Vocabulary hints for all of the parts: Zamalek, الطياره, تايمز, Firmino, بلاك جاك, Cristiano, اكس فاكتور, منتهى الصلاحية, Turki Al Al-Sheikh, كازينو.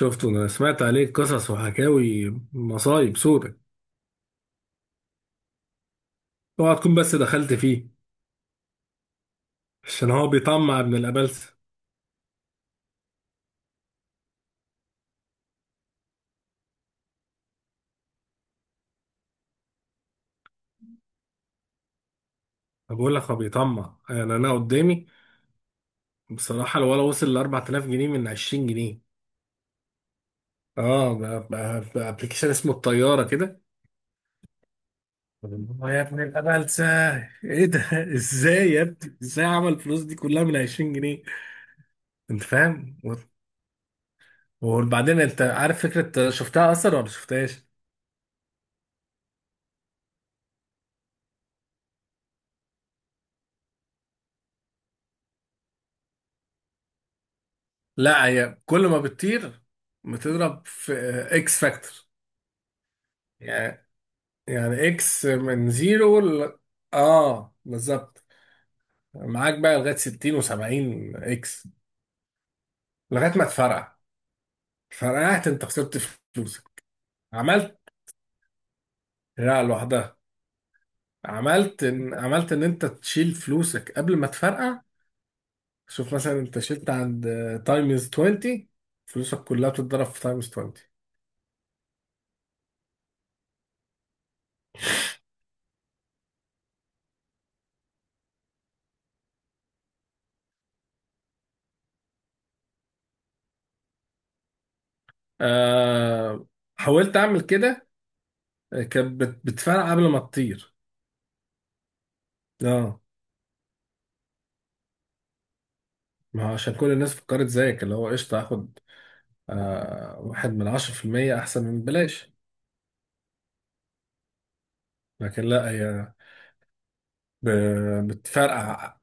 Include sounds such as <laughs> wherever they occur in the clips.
شفته. انا سمعت عليه قصص وحكاوي، مصايب سودة. اوعى تكون بس دخلت فيه، عشان هو بيطمع ابن الابلسه. انا بقول لك هو بيطمع، يعني انا قدامي بصراحه الولا وصل ل 4000 جنيه من 20 جنيه. اه ب- بابلكيشن اسمه الطياره كده. آه يا ابن الابلسه، ايه ده <laughs> ازاي يا ابني، ازاي عمل الفلوس دي كلها من 20 جنيه؟ انت فاهم وبعدين انت عارف فكره شفتها اصلا ولا شفتهاش؟ لا، هي كل ما بتطير بتضرب في اكس فاكتور. يعني يعني اكس من زيرو ل... اه بالظبط، معاك بقى لغايه 60 و70 اكس، لغايه ما تفرقع. فرقعت، انت خسرت فلوسك. عملت. لا، لوحدها. عملت ان انت تشيل فلوسك قبل ما تفرقع. شوف مثلا، انت شلت عند تايمز 20، فلوسك كلها بتتضرب في تايمز 20. آه... حاولت اعمل كده، كانت بتفرقع قبل ما تطير. اه، ما هو عشان كل الناس فكرت زيك، اللي هو قشطة هاخد آه واحد من عشرة في المية أحسن من بلاش. لكن لا، هي بتفرقع.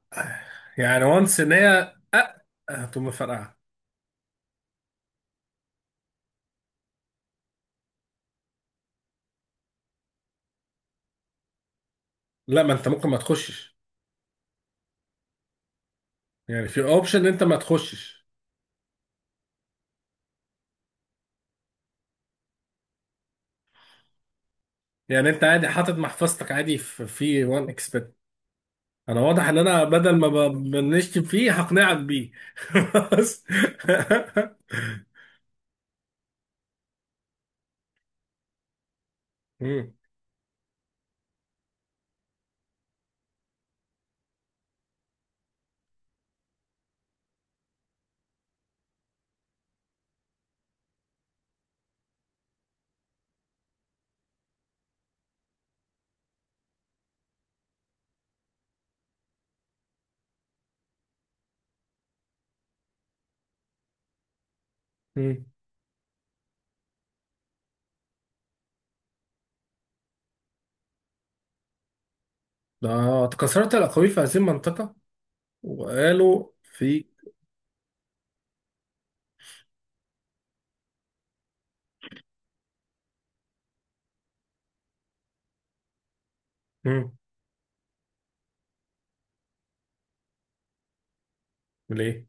يعني وانس إن هي هتقوم مفرقعة. لا، ما أنت ممكن ما تخشش، يعني في أوبشن إن أنت ما تخشش. يعني أنت عادي حاطط محفظتك عادي في وان اكسبت. أنا واضح إن أنا بدل ما بنشتم فيه هقنعك بيه. <laughs> بس <laughs> مم. ده، اتكسرت الأقاويل في هذه المنطقة، وقالوا في. مم. ليه؟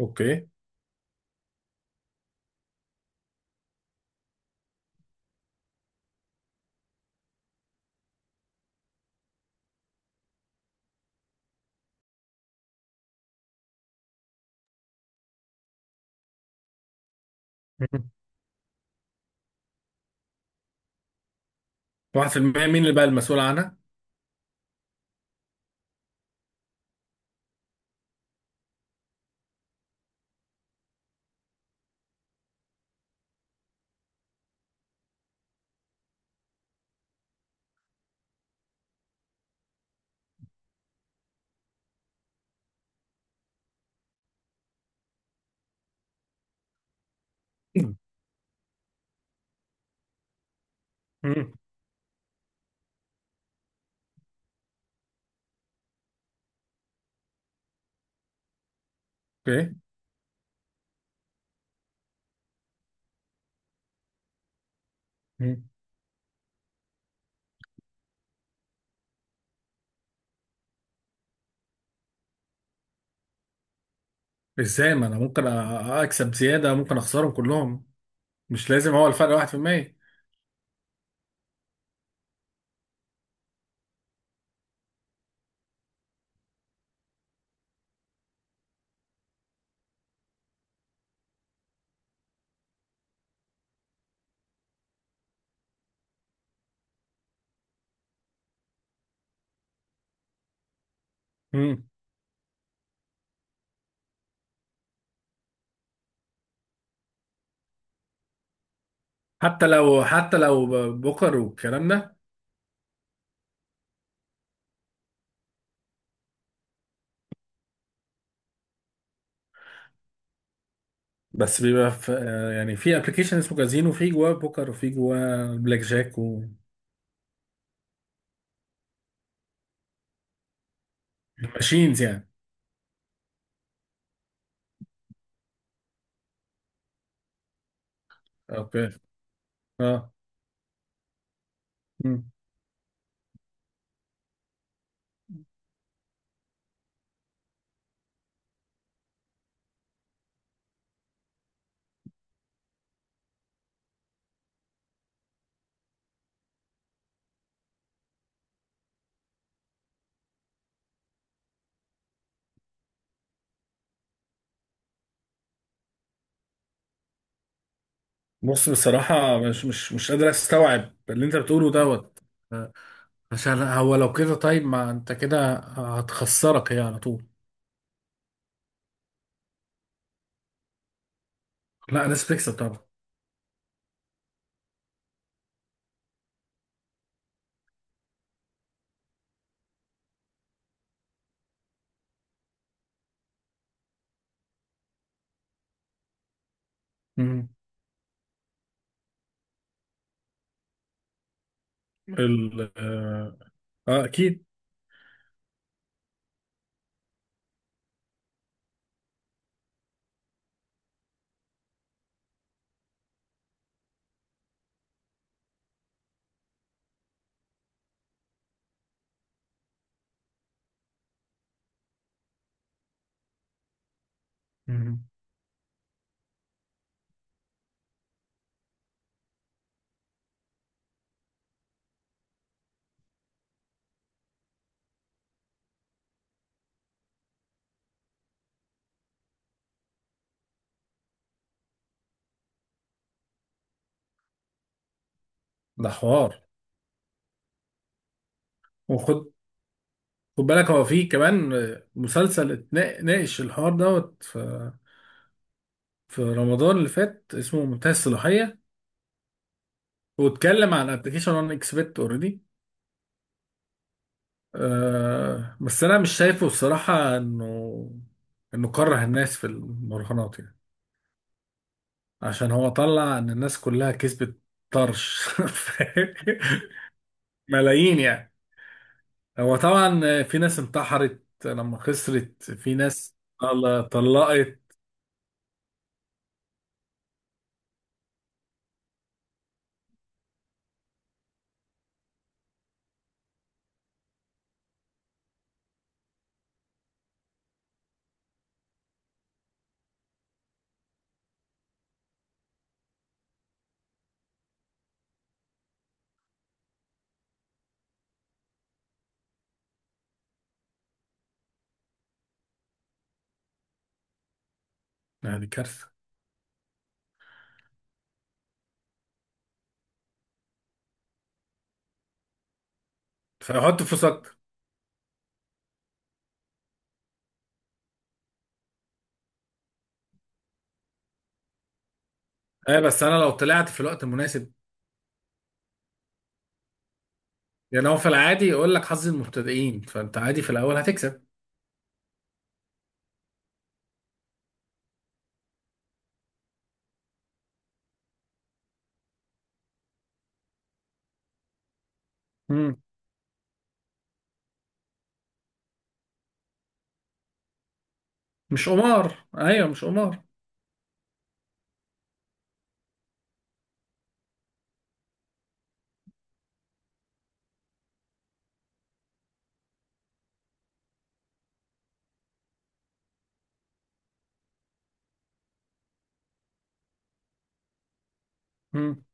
أوكي. مم. 1%، مين اللي بقى المسؤول عنها؟ مم. مم. أوكي. مم. إزاي؟ ما أنا ممكن أكسب زيادة، ممكن أخسرهم كلهم. مش لازم، هو الفرق 1%. مم. حتى لو، حتى لو بوكر والكلام ده. بس بيبقى في يعني في ابلكيشن اسمه كازينو في جواه بوكر وفي جواه بلاك جاك وماشينز يعني. أوكي. أه بص بصراحة مش قادر استوعب اللي انت بتقوله دوت. عشان هو لو كده، طيب ما انت كده هتخسرك هي على طول. لا، ناس بتكسب طبعا. مم. ال اه آه، اكيد. مم. ده حوار. وخد بالك، هو فيه كمان مسلسل ناقش الحوار دوت، في في رمضان اللي فات، اسمه منتهى الصلاحية. واتكلم عن ابلكيشن انا اكسبت اوريدي. بس انا مش شايفه الصراحة انه كره الناس في المراهنات يعني. عشان هو طلع ان الناس كلها كسبت طرش <laughs> فاهم؟ ملايين يعني. هو طبعا في ناس انتحرت لما خسرت، في ناس طلقت، يعني كارثة. فحط فلوس اكتر. ايه، بس انا لو طلعت في الوقت المناسب، يعني هو في العادي يقول لك حظ المبتدئين، فانت عادي في الاول هتكسب. مم. مش قمار، ايوه مش قمار. مم.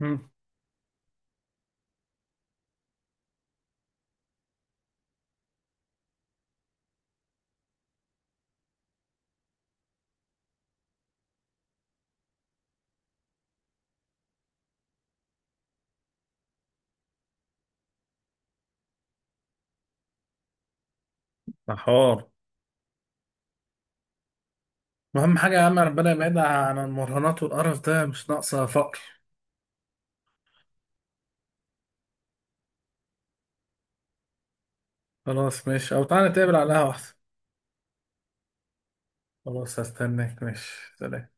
مم. ده حوار. اهم حاجة يا عم، ربنا يبعدها عن المراهنات والقرف ده، مش ناقصة فقر. خلاص ماشي، او تعالى نتقابل على القهوة احسن. خلاص، هستناك ماشي. سلام.